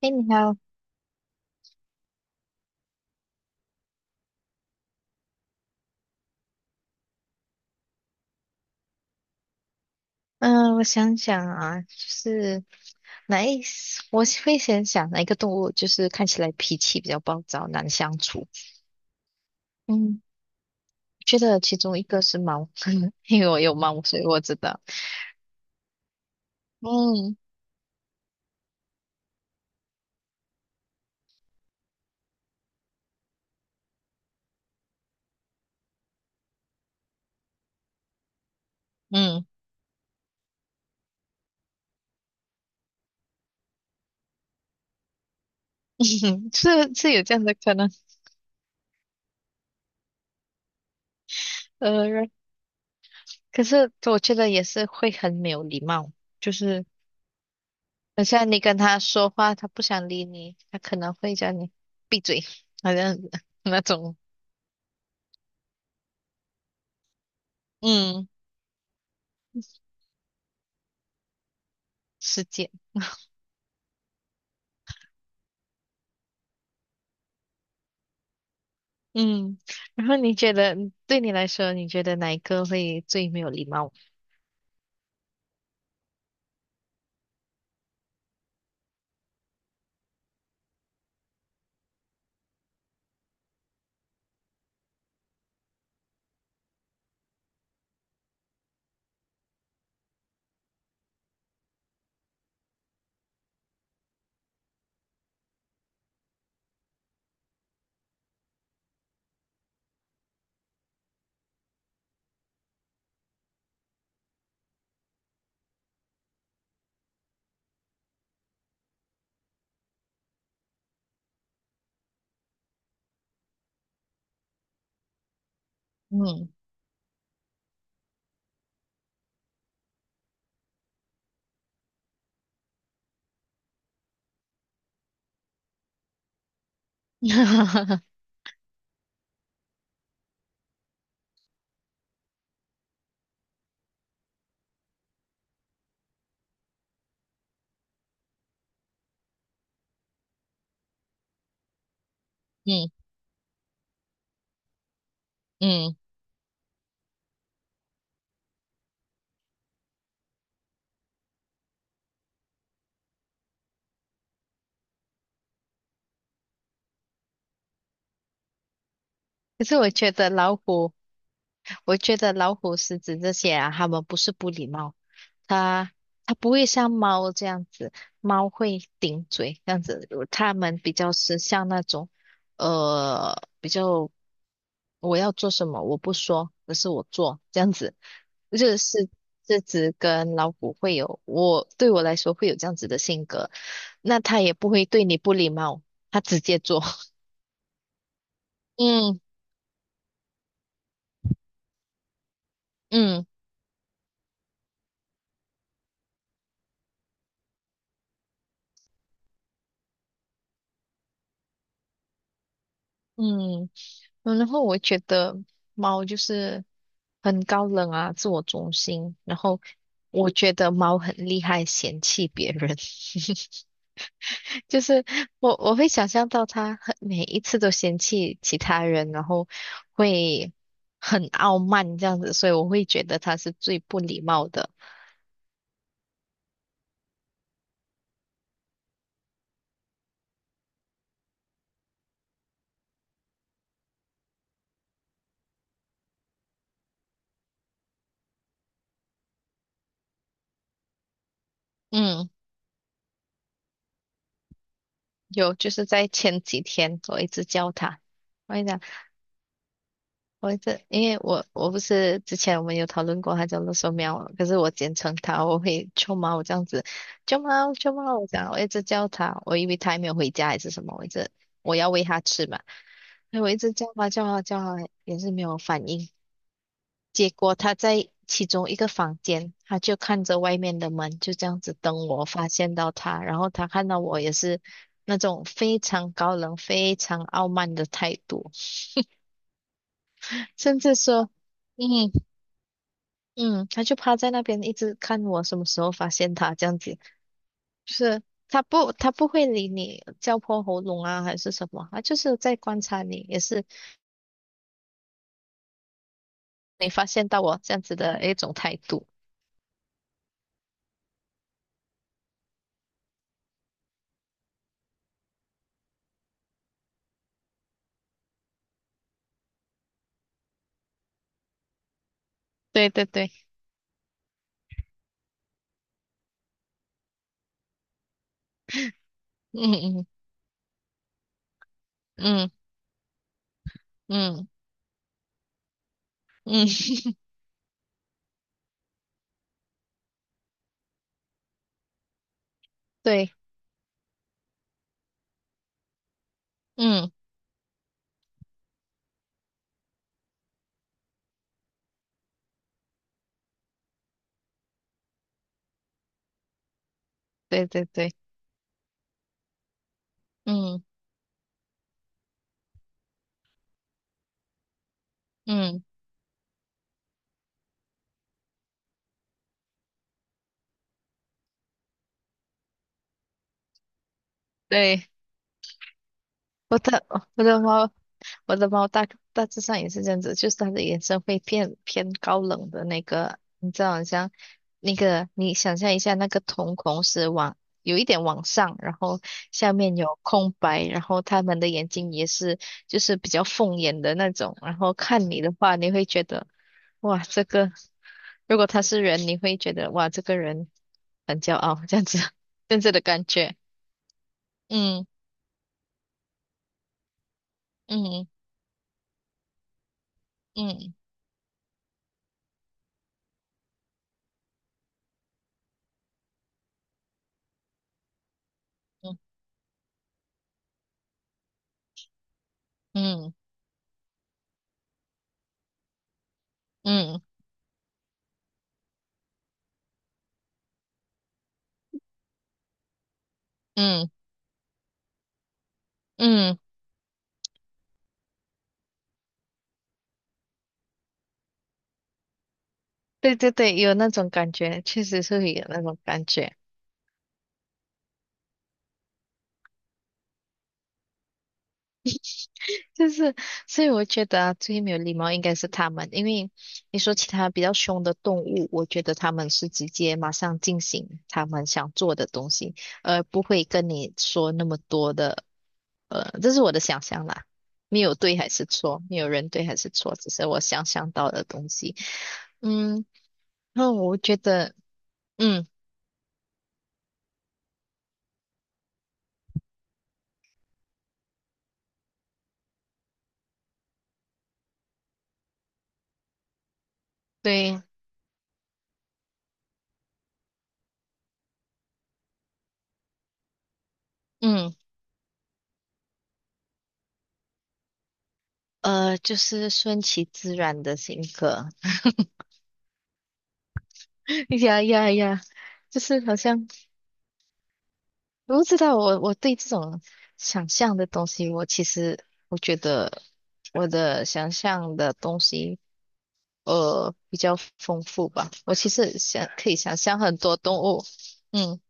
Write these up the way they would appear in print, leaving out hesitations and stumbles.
哎，你好，嗯、我想想啊，就是哪一，我会先想哪一个动物，就是看起来脾气比较暴躁，难相处。嗯，觉得其中一个是猫，因为我有猫，所以我知道。嗯嗯，是是有这样的可能。呃，可是我觉得也是会很没有礼貌，就是像你跟他说话，他不想理你，他可能会叫你闭嘴，好像 那种，嗯，世界。嗯，然后你觉得对你来说，你觉得哪一个会最没有礼貌？嗯 嗯嗯，可是我觉得老虎，我觉得老虎、狮子这些啊，它们不是不礼貌，它它不会像猫这样子，猫会顶嘴这样子，它们比较是像那种比较我要做什么，我不说，而是我做，这样子，这是这只跟老虎会有，对我来说会有这样子的性格，那它也不会对你不礼貌，它直接做，嗯嗯嗯，然后我觉得猫就是很高冷啊，自我中心，然后我觉得猫很厉害，嫌弃别人，就是我会想象到他很每一次都嫌弃其他人，然后会很傲慢这样子，所以我会觉得他是最不礼貌的。嗯，有就是在前几天我一直教他，我跟你讲。因为我不是之前我们有讨论过它叫乐寿喵嘛可是我简称它，我会臭猫我这样子，臭猫臭猫，我讲我一直叫它，我以为它还没有回家还是什么，我一直我要喂它吃嘛，那我一直叫它叫它叫它也是没有反应，结果它在其中一个房间，它就看着外面的门，就这样子等我发现到它，然后它看到我也是那种非常高冷、非常傲慢的态度，甚至说。嗯，嗯，他就趴在那边一直看我什么时候发现他这样子，就是他不会理你叫破喉咙啊还是什么，他就是在观察你，也是没发现到我这样子的一种态度。对对对，嗯嗯嗯嗯嗯，对，嗯对对对，嗯嗯对。我的猫，我的猫大大致上也是这样子，就是它的眼神会偏偏高冷的那个，你知道，好像那个，你想象一下，那个瞳孔是有一点往上，然后下面有空白，然后它们的眼睛也是就是比较凤眼的那种，然后看你的话，你会觉得哇，这个如果他是人，你会觉得哇，这个人很骄傲，这样子 这样子的感觉，嗯嗯嗯嗯嗯。嗯嗯嗯，对对对，有那种感觉，确实是会有那种感觉。就是，所以我觉得啊最没有礼貌应该是他们，因为你说其他比较凶的动物，我觉得他们是直接马上进行他们想做的东西，而不会跟你说那么多的。这是我的想象啦，没有对还是错，没有人对还是错，只是我想象到的东西。嗯，那我觉得，嗯，对。嗯。就是顺其自然的性格。呀呀呀，就是好像我不知道我对这种想象的东西，我其实我觉得我的想象的东西比较丰富吧。我其实想可以想象很多动物，嗯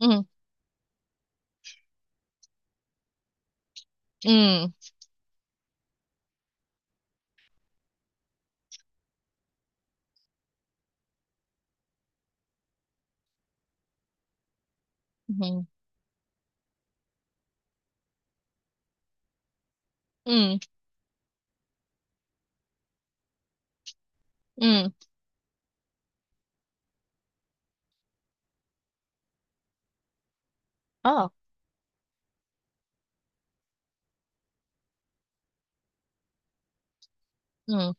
嗯嗯嗯嗯嗯哦嗯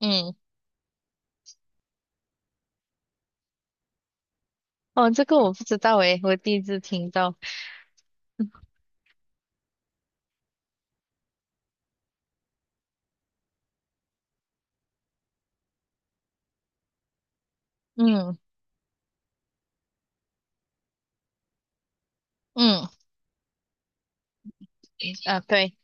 嗯哦，这个我不知道诶，我第一次听到。嗯嗯啊对。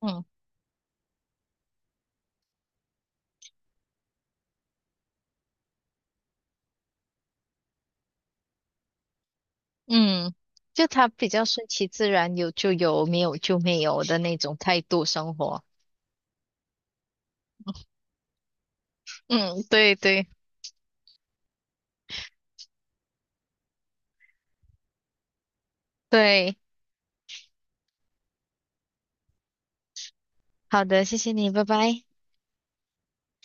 嗯。嗯，就他比较顺其自然，有就有，没有就没有的那种态度生活。嗯，对对对，好的，谢谢你，拜拜。